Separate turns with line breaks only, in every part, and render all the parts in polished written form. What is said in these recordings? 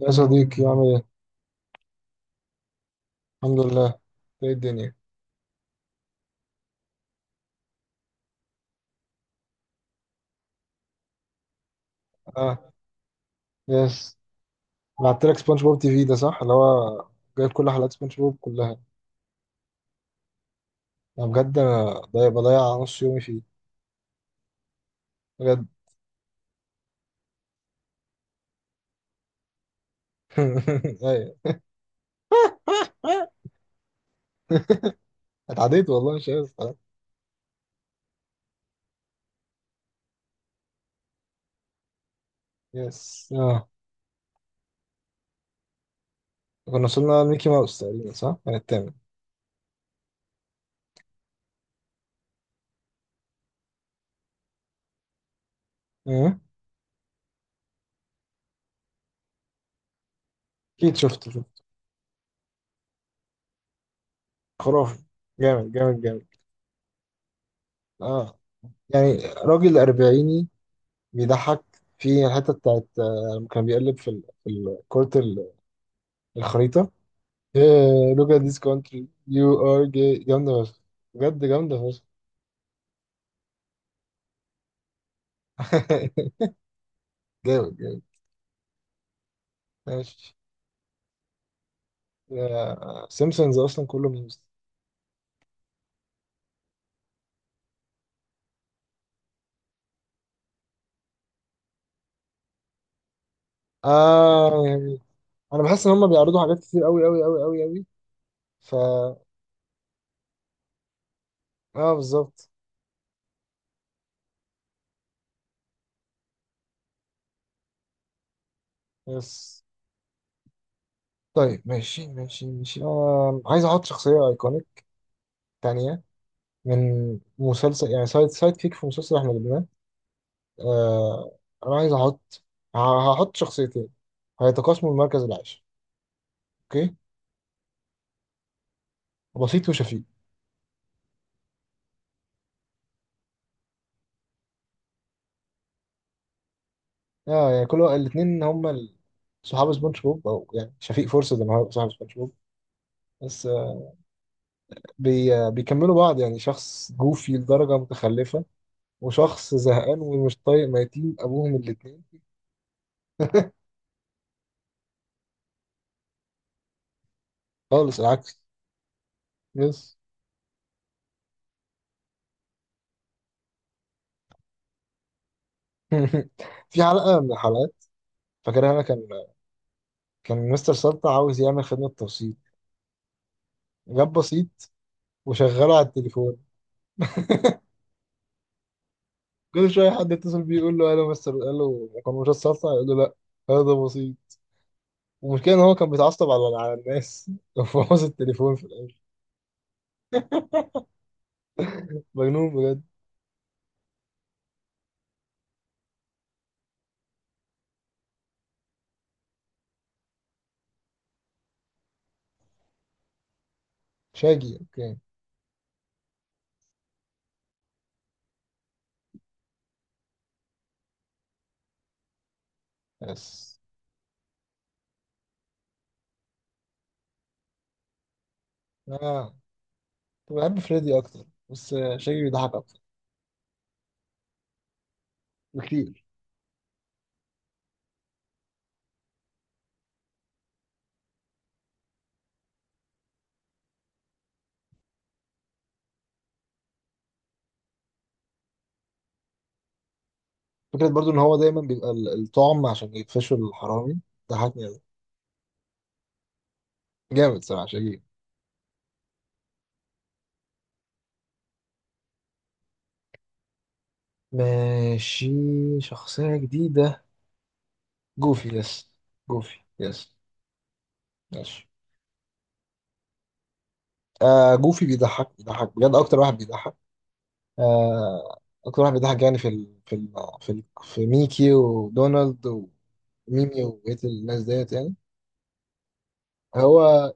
يا صديقي، عامل ايه؟ الحمد لله. ايه الدنيا؟ اه. يس. بعت لك سبونج بوب تي في ده صح؟ اللي هو جايب كل حلقات سبونج بوب كلها. انا بجد ضايع، بضيع نص يومي فيه بجد. ايوه. اتعديت والله، مش عايز أتعدى. يس اه. كنا وصلنا لميكي ماوس تقريبا صح؟ كان التامن. أمم. اكيد شفته. خرافي. جامد جامد جامد. اه، يعني راجل أربعيني بيضحك. في الحتة بتاعت لما كان بيقلب في الكورت، الخريطة. إيه، look at this country you are gay، جامدة فشخ. بجد جامدة فشخ. جامد جامد. ماشي. سيمسونز أصلا كله ميمز. آه يعني، أنا بحس إن هما بيعرضوا حاجات كتير أوي أوي أوي أوي أوي، فا آه بالظبط. بس طيب، ماشي آه، عايز أحط شخصية أيكونيك تانية من مسلسل، يعني سايد كيك في مسلسل إحنا جبناه. آه، أنا عايز أحط، هحط شخصيتين هيتقاسموا المركز العاشر. اوكي: بسيط وشفيق. اه يعني، كل الاثنين هما صحاب سبونج بوب، او يعني شفيق فرصة ان هو صاحب سبونج بوب، بس آه، بي آه، بيكملوا بعض. يعني شخص جوفي لدرجة متخلفة، وشخص زهقان ومش طايق ميتين ابوهم الاثنين. خالص العكس. بس. في حلقة من الحلقات، فاكرها انا، كان كان مستر سلطة عاوز يعمل خدمة توصيل، جاب بسيط وشغله على التليفون. كل شوية حد يتصل بيه يقول له الو مستر، الو، كان مش سلطة يقول له لا، هذا بسيط. والمشكلة إن هو كان بيتعصب على الناس وبوظ التليفون في الآخر. مجنون بجد. شاجي، أوكي. بس آه، كنت بحب فريدي أكتر، بس شاجي بيضحك أكتر بكتير. فكرة برضو إن هو دايما بيبقى الطعم عشان يقفشوا الحرامي. ضحكني أوي. جامد صراحة شاجي. ماشي. شخصية جديدة: جوفي. يس. جوفي يس. ماشي. آه، جوفي بيضحك، بيضحك بجد، أكتر واحد بيضحك. آه، أكتر واحد بيضحك يعني في ميكي ودونالد وميمي وبقية الناس ديت يعني. هو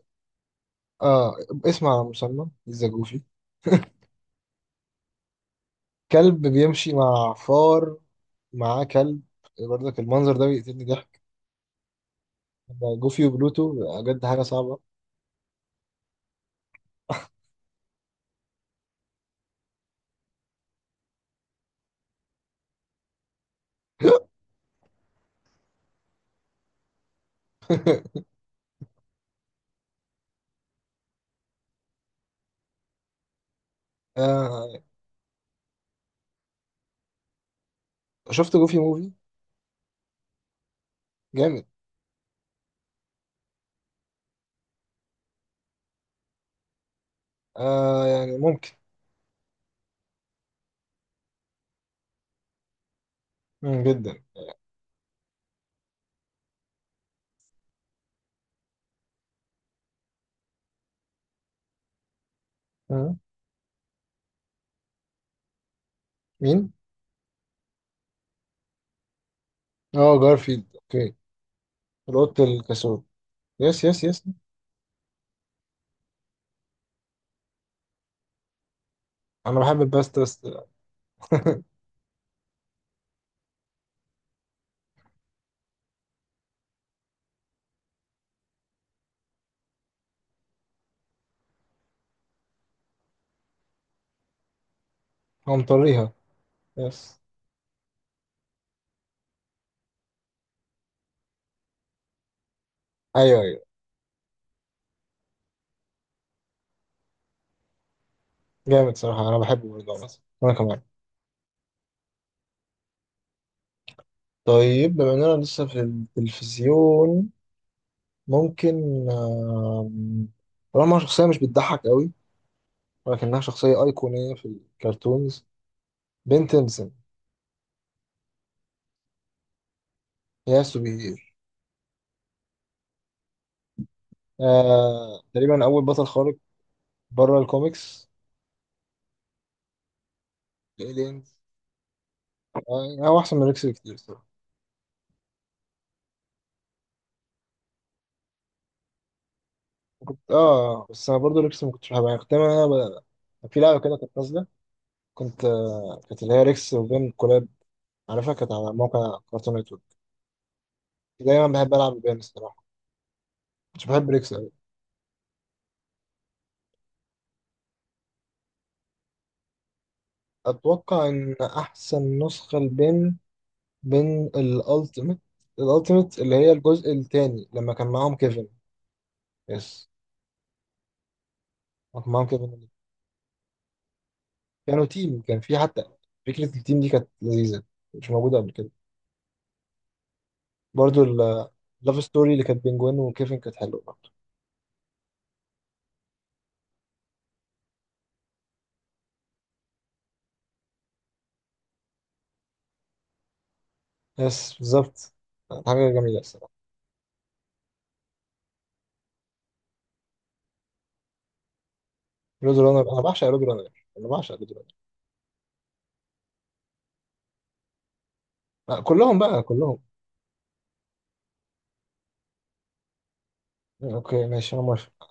آه، اسم على مسمى ذا جوفي: كلب بيمشي مع فار، معاه كلب. برضك المنظر ده بيقتلني ضحك، جوفي وبلوتو، بجد حاجة صعبة. آه. شفت جوفي موفي. جامد. آه يعني، ممكن. مم جدا. مم. مين؟ اه، جارفيلد، اوكي. القط الكسول. يس يس يس. انا بحب الباسترس. هو مطريها. يس. ايوه ايوه. جامد صراحة، انا بحبه برضه مثلا، وانا كمان. طيب، بما اننا لسه في التلفزيون، ممكن، آم، طالما شخصية مش بتضحك قوي، ولكنها شخصية أيقونية في الكرتونز: بن تيمسون. يا سوبر. آه، تقريبا أول بطل خارق بره الكوميكس، الإيلينز. آه، هو أحسن من ريكس بكتير صراحة. كنت آه، بس أنا برضه ريكس ما كنتش بحبها، يعني كنت دايماً أنا في لعبة كده كانت نازلة، كنت كانت اللي هي ريكس وبين كلاب، على فكرة كانت على موقع كارتون نتورك. دايما بحب ألعب البين الصراحة، مش بحب ريكس أوي. أتوقع إن أحسن نسخة البين، بين الألتيميت. الألتيميت اللي هي الجزء التاني لما كان معاهم كيفن. يس. لما كان معاهم كيفن كانوا تيم، كان في حتى فكرة التيم دي، كانت لذيذة، مش موجودة قبل كده. برضو اللاف ستوري اللي كانت بين جوين وكيفن كانت حلوة برضو. يس بالظبط، كانت حاجة جميلة الصراحة. رود رانر، أنا بعشق رود رانر، أنا بعشق رود رانر. آه، كلهم بقى كلهم. اوكي ماشي، انا موافق.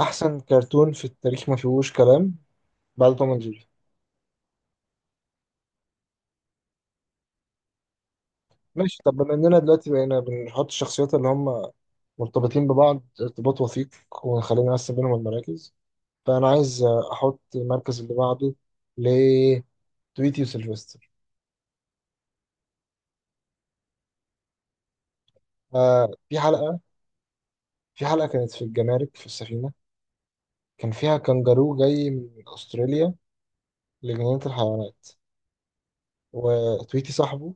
احسن كرتون في التاريخ ما فيهوش كلام، بعد توم اند جيري. ماشي. طب بما اننا دلوقتي بقينا بنحط الشخصيات اللي هم مرتبطين ببعض ارتباط وثيق، ونخلينا نقسم بينهم المراكز، فانا عايز احط المركز اللي بعده لتويتي وسيلفستر. آه، في حلقة، في حلقة كانت في الجمارك في السفينة، كان فيها كانجارو جاي من استراليا لجنينة الحيوانات، وتويتي صاحبه،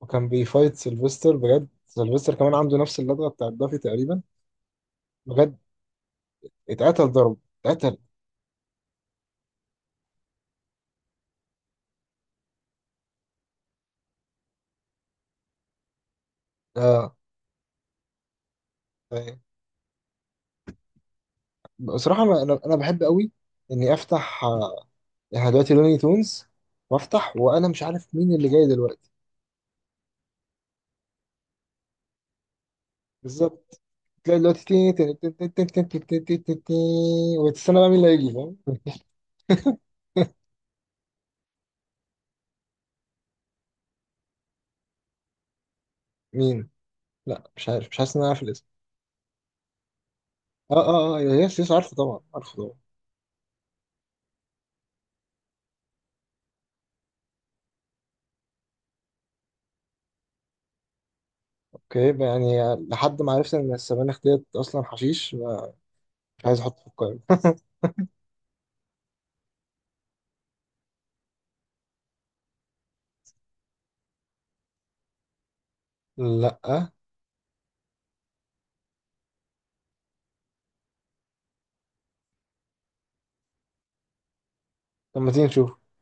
وكان بيفايت سيلفستر. بجد، سيلفستر كمان عنده نفس اللدغة بتاعت دافي تقريبا. بجد، اتقتل ضرب، اتقتل. اه. أيوة. بصراحة، أنا بحب قوي إني أفتح يعني دلوقتي لوني تونز، وأفتح وأنا مش عارف مين اللي جاي دلوقتي. بالظبط، تلاقي دلوقتي تي- تي- تي- تي- تي- تي- تي- تي- تي- تي- تي- وتستنى بقى مين اللي هيجي، فاهم. مين؟ لا مش عارف، مش حاسس إن أنا عارف الاسم. اه اه اه، يس يس، عارفه طبعا، عارفه طبعا. اوكي بقى، يعني لحد ما عرفت إن السبانخ ديت أصلا حشيش، مش عايز أحطه في القائمة. لا. طب ما تيجي نشوف.